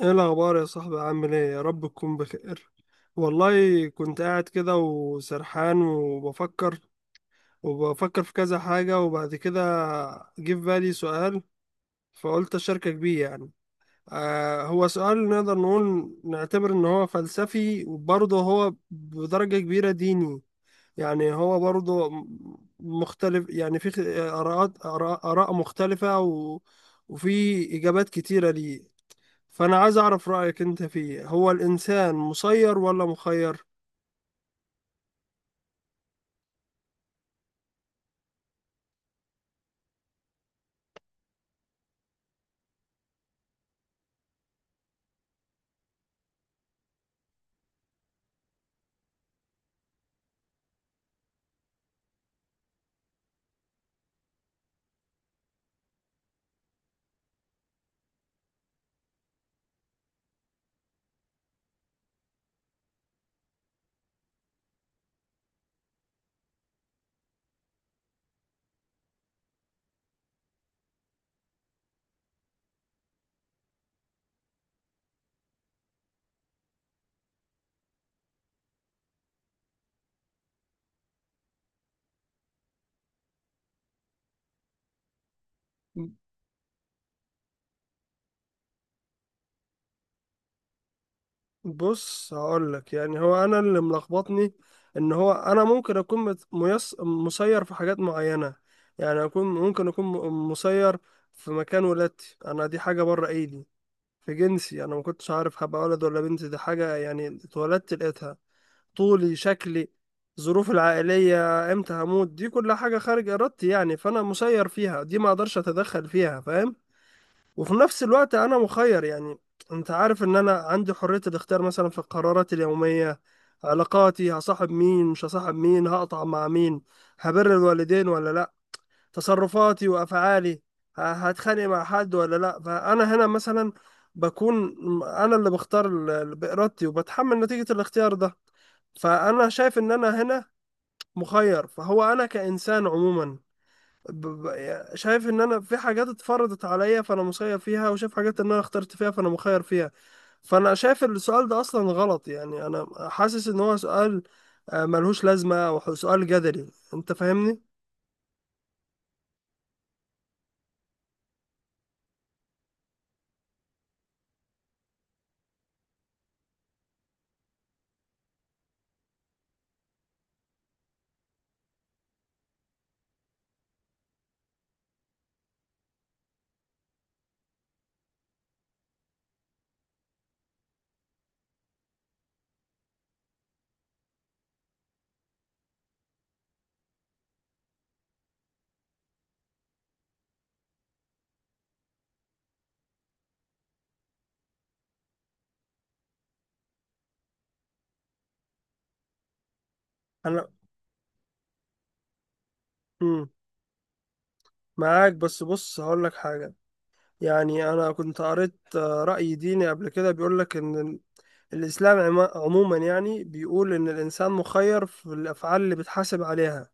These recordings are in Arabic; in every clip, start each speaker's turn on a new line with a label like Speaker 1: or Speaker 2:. Speaker 1: ايه الاخبار يا صاحبي؟ عامل ايه؟ يا رب تكون بخير. والله كنت قاعد كده وسرحان وبفكر، وبفكر في كذا حاجة، وبعد كده جه في بالي سؤال، فقلت اشاركك بيه. يعني هو سؤال نقدر نقول نعتبر ان هو فلسفي، وبرضه هو بدرجة كبيرة ديني. يعني هو برضه مختلف، يعني في آراء مختلفة، وفي إجابات كتيرة ليه. فأنا عايز أعرف رأيك أنت فيه، هو الإنسان مسير ولا مخير؟ بص هقولك، يعني هو أنا اللي ملخبطني إن هو أنا ممكن أكون مسير في حاجات معينة. يعني أكون، ممكن أكون مسير في مكان ولادتي، أنا دي حاجة بره إيدي. في جنسي، أنا ما كنتش عارف هبقى ولد ولا بنت، دي حاجة يعني اتولدت لقيتها. طولي، شكلي، ظروفي العائلية، امتى هموت، دي كل حاجة خارج إرادتي، يعني فأنا مسير فيها دي، ما أقدرش أتدخل فيها، فاهم. وفي نفس الوقت انا مخير. يعني انت عارف ان انا عندي حرية الاختيار مثلا في قراراتي اليومية، علاقاتي، هصاحب مين مش هصاحب مين، هقطع مع مين، هبر الوالدين ولا لا، تصرفاتي وافعالي، هتخانق مع حد ولا لا. فانا هنا مثلا بكون انا اللي بختار بارادتي، وبتحمل نتيجة الاختيار ده. فانا شايف ان انا هنا مخير. فهو انا كانسان عموما يعني شايف ان انا في حاجات اتفرضت عليا فانا مسير فيها، وشايف حاجات ان انا اخترت فيها فانا مخير فيها. فانا شايف إن السؤال ده اصلا غلط. يعني انا حاسس ان هو سؤال ملهوش لازمة، او سؤال جدلي، انت فاهمني. انا مم. معاك، بس بص هقول لك حاجة. يعني انا كنت قريت رأي ديني قبل كده بيقول لك ان الاسلام عموما يعني بيقول ان الانسان مخير في الافعال اللي بتحاسب عليها.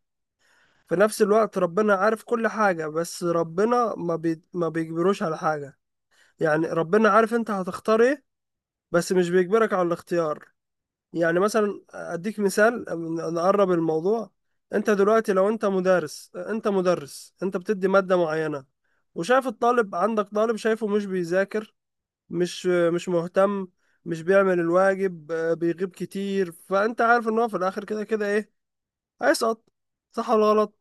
Speaker 1: في نفس الوقت ربنا عارف كل حاجة، بس ربنا ما بيجبروش على حاجة. يعني ربنا عارف انت هتختار ايه، بس مش بيجبرك على الاختيار. يعني مثلا اديك مثال نقرب الموضوع. انت دلوقتي لو انت مدرس، انت انت بتدي مادة معينة، وشايف الطالب عندك، طالب شايفه مش بيذاكر، مش مهتم، مش بيعمل الواجب، بيغيب كتير، فانت عارف ان هو في الاخر كده كده ايه؟ هيسقط. صح ولا غلط؟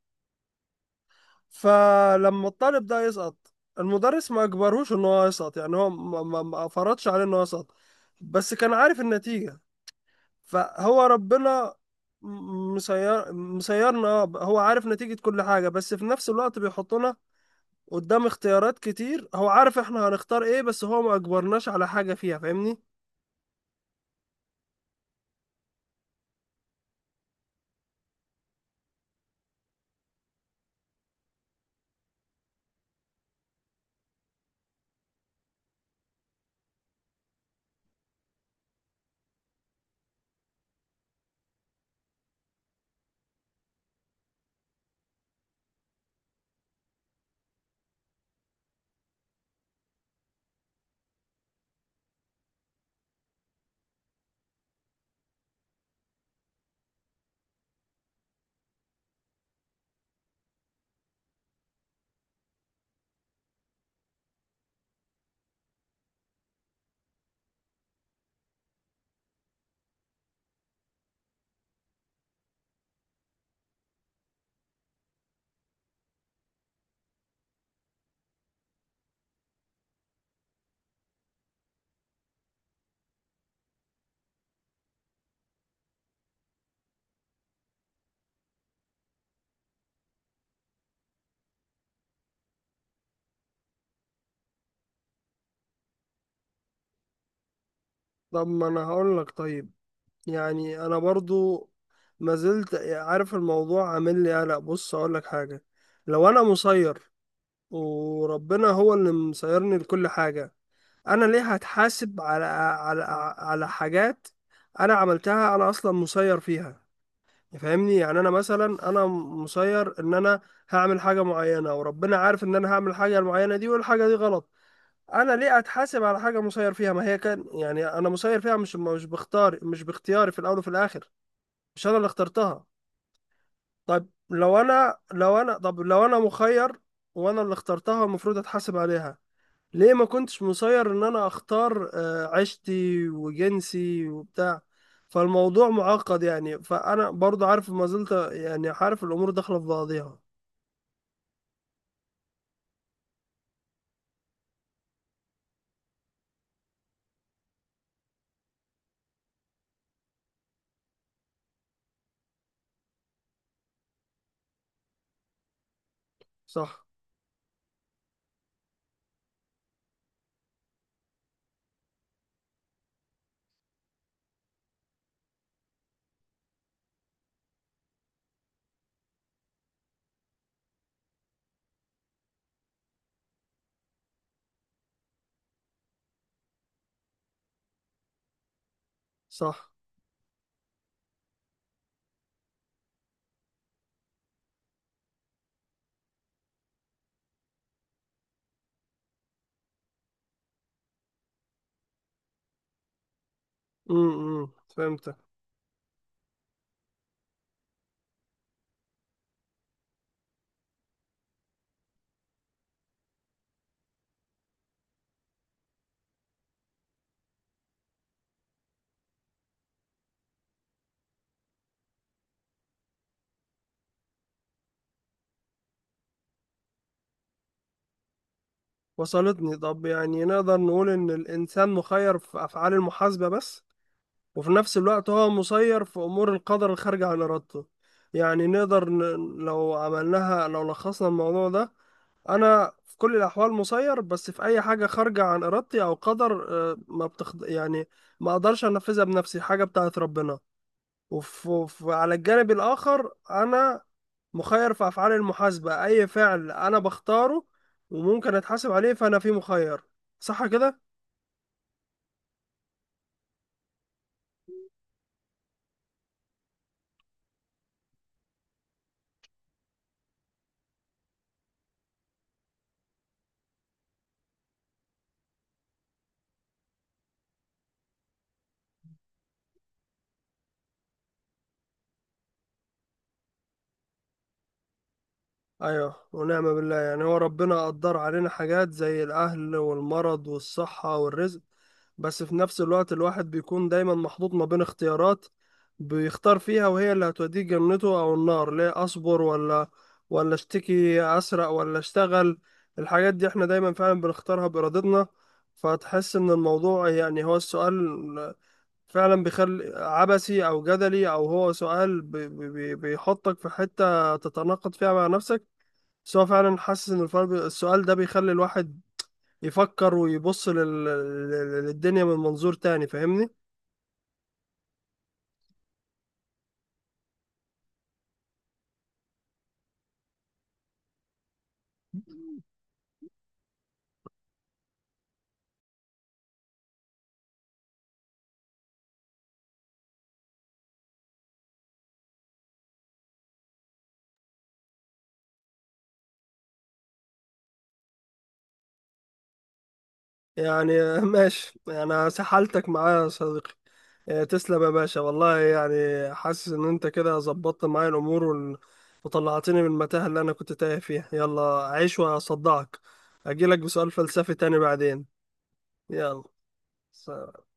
Speaker 1: فلما الطالب ده يسقط، المدرس ما اجبرهوش ان هو يسقط، يعني هو ما فرضش عليه ان هو يسقط، بس كان عارف النتيجة. فهو ربنا مسير مسيرنا، هو عارف نتيجة كل حاجة، بس في نفس الوقت بيحطنا قدام اختيارات كتير، هو عارف احنا هنختار ايه، بس هو ما اجبرناش على حاجة فيها، فاهمني. طب ما انا هقول لك، طيب يعني انا برضو ما زلت عارف الموضوع عامل لي قلق. بص اقول لك حاجة، لو انا مسير وربنا هو اللي مسيرني لكل حاجة، أنا ليه هتحاسب على، على، على حاجات أنا عملتها أنا أصلا مسير فيها؟ فاهمني، يعني أنا مثلا أنا مسير إن أنا هعمل حاجة معينة، وربنا عارف إن أنا هعمل الحاجة المعينة دي، والحاجة دي غلط، أنا ليه أتحاسب على حاجة مسير فيها؟ ما هي كان يعني أنا مسير فيها، مش بختار، مش باختياري في الأول وفي الآخر، مش أنا اللي اخترتها. طيب لو أنا، لو أنا، لو أنا مخير وأنا اللي اخترتها، المفروض أتحاسب عليها. ليه ما كنتش مسير ان انا اختار عيشتي وجنسي وبتاع؟ فالموضوع معقد يعني، فانا برضو عارف، ما زلت يعني عارف الامور داخله في بعضيها. صح، صح. إمم. فهمتك. وصلتني. طب يعني نقدر نقول ان الانسان مخير في افعال المحاسبه بس، وفي نفس الوقت هو مسير في امور القدر الخارجه عن ارادته. يعني نقدر لو عملناها، لو لخصنا الموضوع ده، انا في كل الاحوال مسير بس في اي حاجه خارجه عن ارادتي او قدر، ما بتخض... يعني ما اقدرش انفذها بنفسي، حاجه بتاعت ربنا. على الجانب الاخر انا مخير في افعال المحاسبه، اي فعل انا بختاره وممكن اتحاسب عليه فانا فيه مخير. صح كده؟ ايوه، ونعم بالله. يعني هو ربنا قدر علينا حاجات زي الاهل والمرض والصحة والرزق، بس في نفس الوقت الواحد بيكون دايما محطوط ما بين اختيارات بيختار فيها، وهي اللي هتوديه جنته او النار. ليه اصبر ولا ولا اشتكي؟ اسرق ولا اشتغل؟ الحاجات دي احنا دايما فعلا بنختارها بارادتنا. فتحس ان الموضوع، يعني هو السؤال فعلا بيخلي، عبثي او جدلي، او هو سؤال بي بي بيحطك في حتة تتناقض فيها مع نفسك. بس هو فعلا حاسس ان الفرق السؤال ده بيخلي الواحد يفكر ويبص للدنيا من منظور تاني، فاهمني. يعني ماشي، انا سحلتك معايا يا صديقي. تسلم يا باشا، والله يعني حاسس ان انت كده ظبطت معايا الامور وطلعتني من المتاهة اللي انا كنت تايه فيها. يلا عيش وهصدعك، اجيلك بسؤال فلسفي تاني بعدين. يلا، سلام.